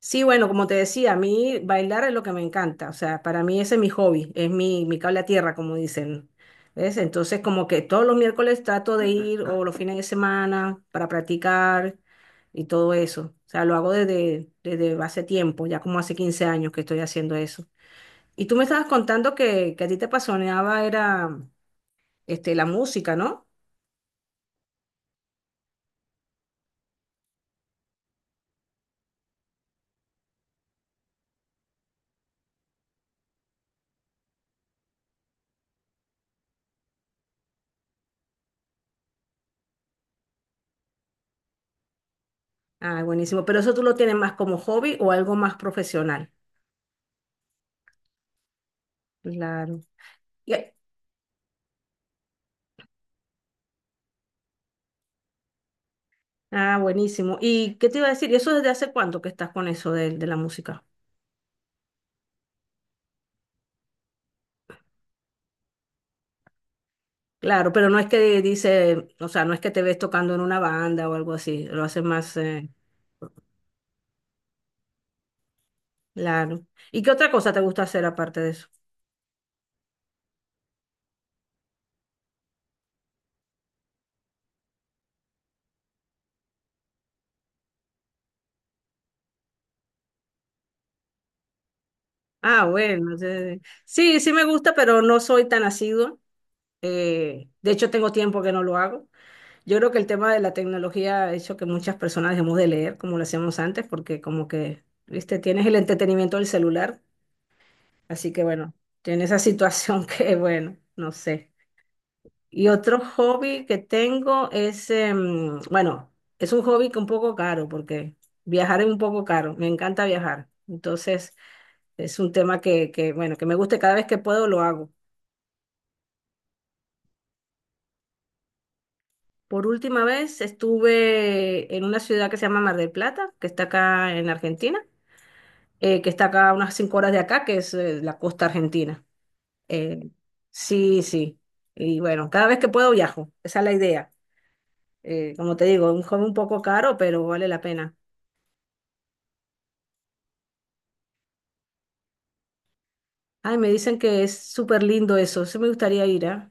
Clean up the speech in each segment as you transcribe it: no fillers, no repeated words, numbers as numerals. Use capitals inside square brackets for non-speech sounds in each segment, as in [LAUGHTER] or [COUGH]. Sí, bueno, como te decía, a mí bailar es lo que me encanta, o sea, para mí ese es mi hobby, es mi cable a tierra, como dicen. ¿Ves? Entonces, como que todos los miércoles trato de ir o los fines de semana para practicar y todo eso. O sea, lo hago desde hace tiempo, ya como hace 15 años que estoy haciendo eso. Y tú me estabas contando que a ti te apasionaba era la música, ¿no? Ah, buenísimo. Pero eso tú lo tienes más como hobby o algo más profesional. Claro. Y- Ah, buenísimo. ¿Y qué te iba a decir? ¿Y eso desde hace cuánto que estás con eso de la música? Claro, pero no es que dice, o sea, no es que te ves tocando en una banda o algo así, lo haces más claro. ¿Y qué otra cosa te gusta hacer aparte de eso? Ah, bueno, sí, sí me gusta, pero no soy tan asidua. De hecho, tengo tiempo que no lo hago. Yo creo que el tema de la tecnología ha hecho que muchas personas dejemos de leer como lo hacíamos antes, porque como que, viste, tienes el entretenimiento del celular. Así que bueno, tiene esa situación [LAUGHS] que bueno, no sé. Y otro hobby que tengo es, bueno, es un hobby que un poco caro porque viajar es un poco caro. Me encanta viajar. Entonces es un tema que bueno, que me gusta y cada vez que puedo lo hago. Por última vez estuve en una ciudad que se llama Mar del Plata, que está acá en Argentina, que está acá a unas 5 horas de acá, que es la costa argentina. Eh, sí, sí. Y bueno, cada vez que puedo viajo. Esa es la idea. Como te digo, un hobby un poco caro, pero vale la pena. Ay, me dicen que es súper lindo eso. Sí me gustaría ir, ¿ah?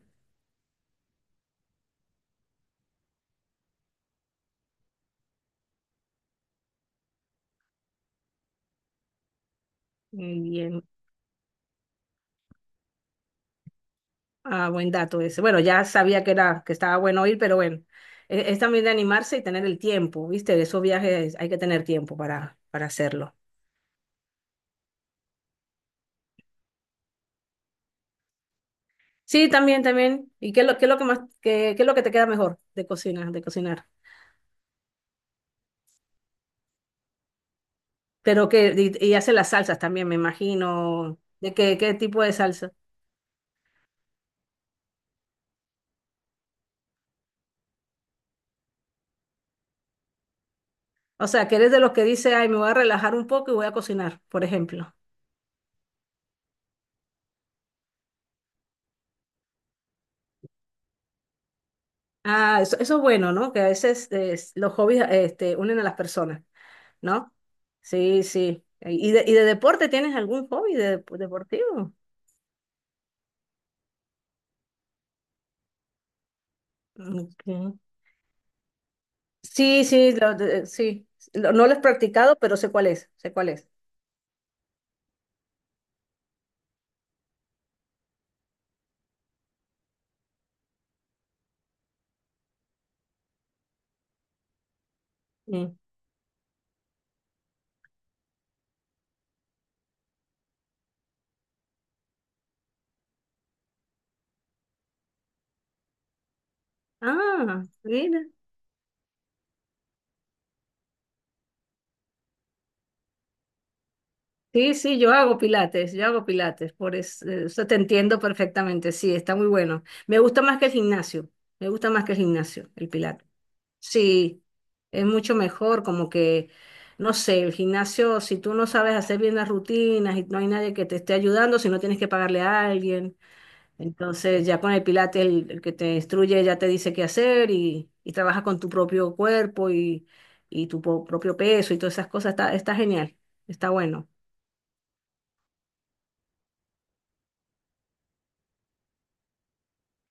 Muy bien. Ah, buen dato ese. Bueno, ya sabía que era, que estaba bueno ir, pero bueno. Es también de animarse y tener el tiempo, ¿viste? De esos viajes hay que tener tiempo para hacerlo. Sí, también, también. ¿Y qué es qué es lo que más, qué es lo que te queda mejor de cocinar, de cocinar? Pero que, y hace las salsas también, me imagino. ¿De qué, qué tipo de salsa? O sea, que eres de los que dice, ay, me voy a relajar un poco y voy a cocinar, por ejemplo. Ah, eso es bueno, ¿no? Que a veces los hobbies unen a las personas, ¿no? Sí, sí. ¿Y y de deporte tienes algún hobby de, pues, deportivo? Ok. Sí, sí, lo de- sí. Lo- no lo he practicado, pero sé cuál es, sé cuál es. Mm. Ah, mira. Sí, sí, yo hago pilates, por es- eso, te entiendo perfectamente, sí, está muy bueno. Me gusta más que el gimnasio, me gusta más que el gimnasio, el pilates. Sí, es mucho mejor, como que, no sé, el gimnasio, si tú no sabes hacer bien las rutinas y no hay nadie que te esté ayudando, si no tienes que pagarle a alguien, entonces ya con el pilates el que te instruye ya te dice qué hacer y trabajas con tu propio cuerpo y tu po- propio peso y todas esas cosas, está, está genial, está bueno.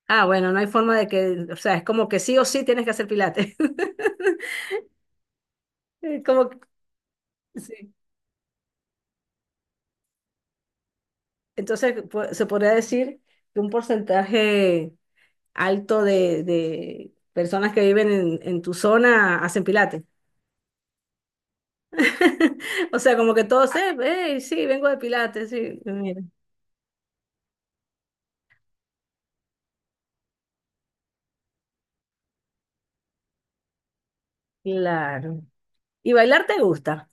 Ah, bueno, no hay forma de que, o sea, es como que sí o sí tienes que hacer pilates. [LAUGHS] Es como, que- sí. Entonces, po- se podría decir que un porcentaje alto de personas que viven en tu zona hacen pilates. [LAUGHS] O sea, como que todos, "Ey, sí, vengo de pilates, sí. Mira, claro. ¿Y bailar te gusta?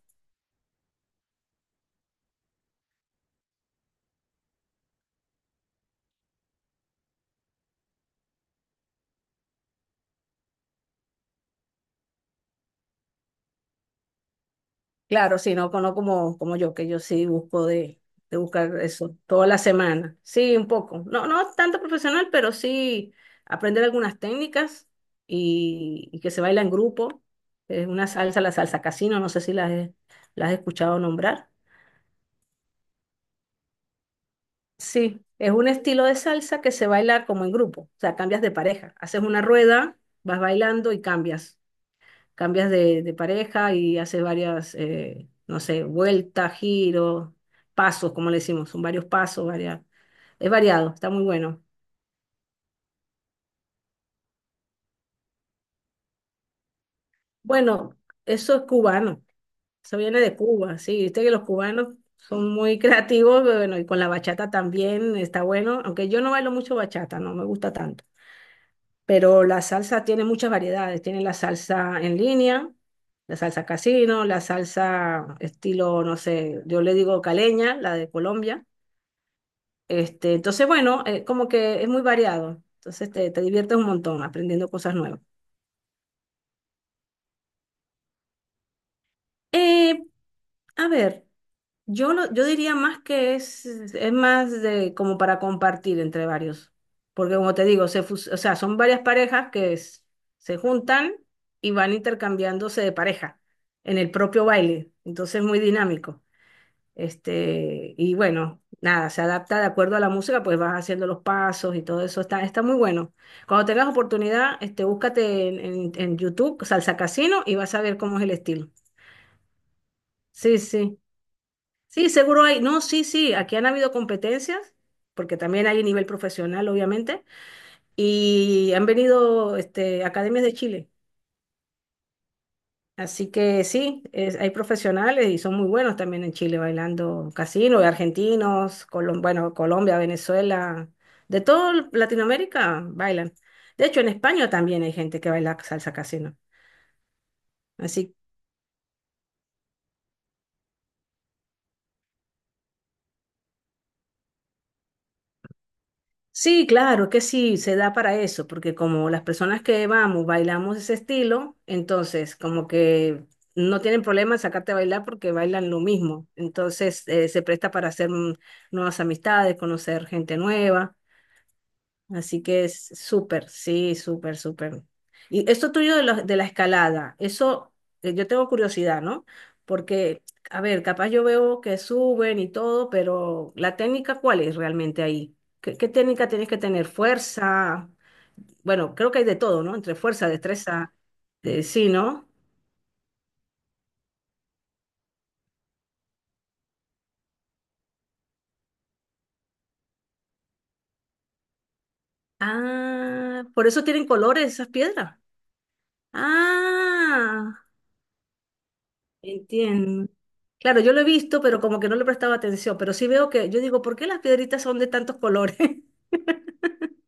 Claro, sí, no, no como, como yo, que yo sí busco de buscar eso toda la semana. Sí, un poco. No, no tanto profesional, pero sí aprender algunas técnicas y que se baila en grupo. Es una salsa, la salsa casino, no sé si las he, las he escuchado nombrar. Sí, es un estilo de salsa que se baila como en grupo, o sea, cambias de pareja. Haces una rueda, vas bailando y cambias. Cambias de pareja y haces varias, no sé, vueltas, giros, pasos, como le decimos, son varios pasos, varias, es variado, está muy bueno. Bueno, eso es cubano, eso viene de Cuba, sí, viste que los cubanos son muy [LAUGHS] creativos, pero bueno, y con la bachata también está bueno, aunque yo no bailo mucho bachata, no me gusta tanto, pero la salsa tiene muchas variedades, tiene la salsa en línea. La salsa casino, la salsa estilo, no sé, yo le digo caleña, la de Colombia. Entonces, bueno, como que es muy variado. Entonces te diviertes un montón aprendiendo cosas nuevas. Eh, a ver, yo, lo- yo diría más que es más de como para compartir entre varios. Porque como te digo, se fus- o sea, son varias parejas que es- se juntan y van intercambiándose de pareja en el propio baile. Entonces es muy dinámico. Y bueno, nada, se adapta de acuerdo a la música, pues vas haciendo los pasos y todo eso. Está, está muy bueno. Cuando tengas oportunidad, búscate en YouTube Salsa Casino y vas a ver cómo es el estilo. Sí, sí. Sí, seguro hay. No, sí, sí. Aquí han habido competencias, porque también hay nivel profesional, obviamente. Y han venido, academias de Chile. Así que sí, es- hay profesionales y son muy buenos también en Chile bailando casino, y argentinos, Colom- bueno, Colombia, Venezuela, de toda Latinoamérica bailan. De hecho, en España también hay gente que baila salsa casino. Así, sí, claro que sí, se da para eso, porque como las personas que vamos bailamos ese estilo, entonces como que no tienen problema en sacarte a bailar porque bailan lo mismo. Entonces se presta para hacer nuevas amistades, conocer gente nueva. Así que es súper, sí, súper, súper. Y esto tuyo de la escalada, eso yo tengo curiosidad, ¿no? Porque, a ver, capaz yo veo que suben y todo, pero la técnica, ¿cuál es realmente ahí? ¿Qué, qué técnica tienes que tener? Fuerza. Bueno, creo que hay de todo, ¿no? Entre fuerza, destreza, sí, ¿no? Ah, por eso tienen colores esas piedras. Ah. Entiendo. Claro, yo lo he visto, pero como que no le prestaba atención, pero sí veo que, yo digo, ¿por qué las piedritas son de tantos colores? [LAUGHS]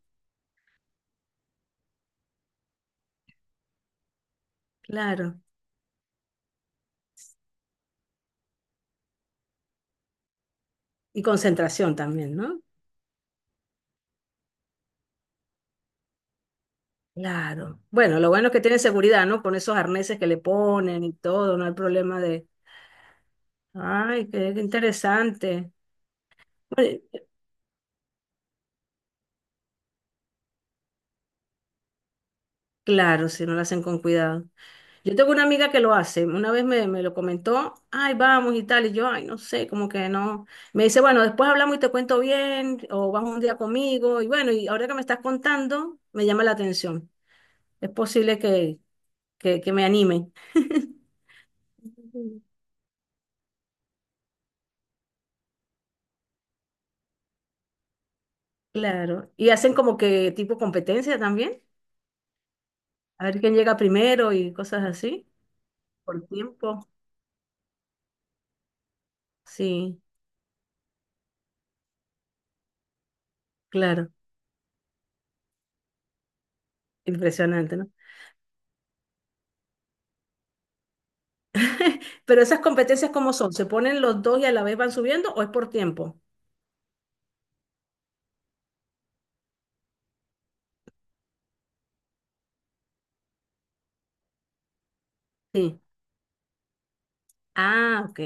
Claro. Y concentración también, ¿no? Claro. Bueno, lo bueno es que tienen seguridad, ¿no? Con esos arneses que le ponen y todo, no hay problema de... Ay, qué, interesante. Bueno, claro, si no lo hacen con cuidado. Yo tengo una amiga que lo hace, una vez me lo comentó, ay, vamos y tal, y yo, ay, no sé, como que no. Me dice, bueno, después hablamos y te cuento bien, o vas un día conmigo, y bueno, y ahora que me estás contando, me llama la atención. Es posible que me anime. [LAUGHS] Claro. Y hacen como que tipo competencia también, a ver quién llega primero y cosas así, por tiempo. Sí, claro. Impresionante, ¿no? Pero esas competencias, ¿cómo son? ¿Se ponen los dos y a la vez van subiendo o es por tiempo? Sí. Ah, ok.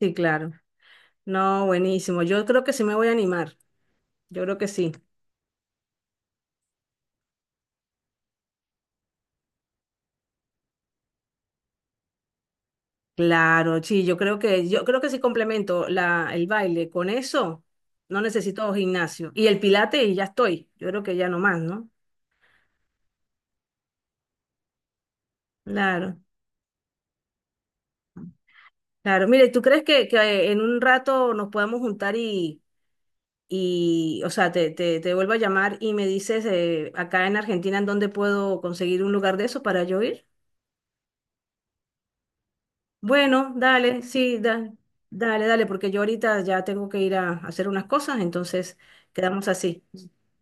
Sí, claro. No, buenísimo. Yo creo que sí me voy a animar. Yo creo que sí. Claro, sí, yo creo que si complemento la, el baile con eso, no necesito gimnasio. Y el pilate y ya estoy. Yo creo que ya no más, ¿no? Claro, claro. Mire, ¿tú crees que en un rato nos podamos juntar y o sea, te vuelvo a llamar y me dices acá en Argentina en dónde puedo conseguir un lugar de eso para yo ir? Bueno, dale, sí, da- dale, dale, porque yo ahorita ya tengo que ir a hacer unas cosas, entonces quedamos así.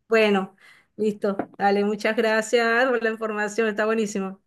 Bueno, listo, dale, muchas gracias por la información, está buenísimo.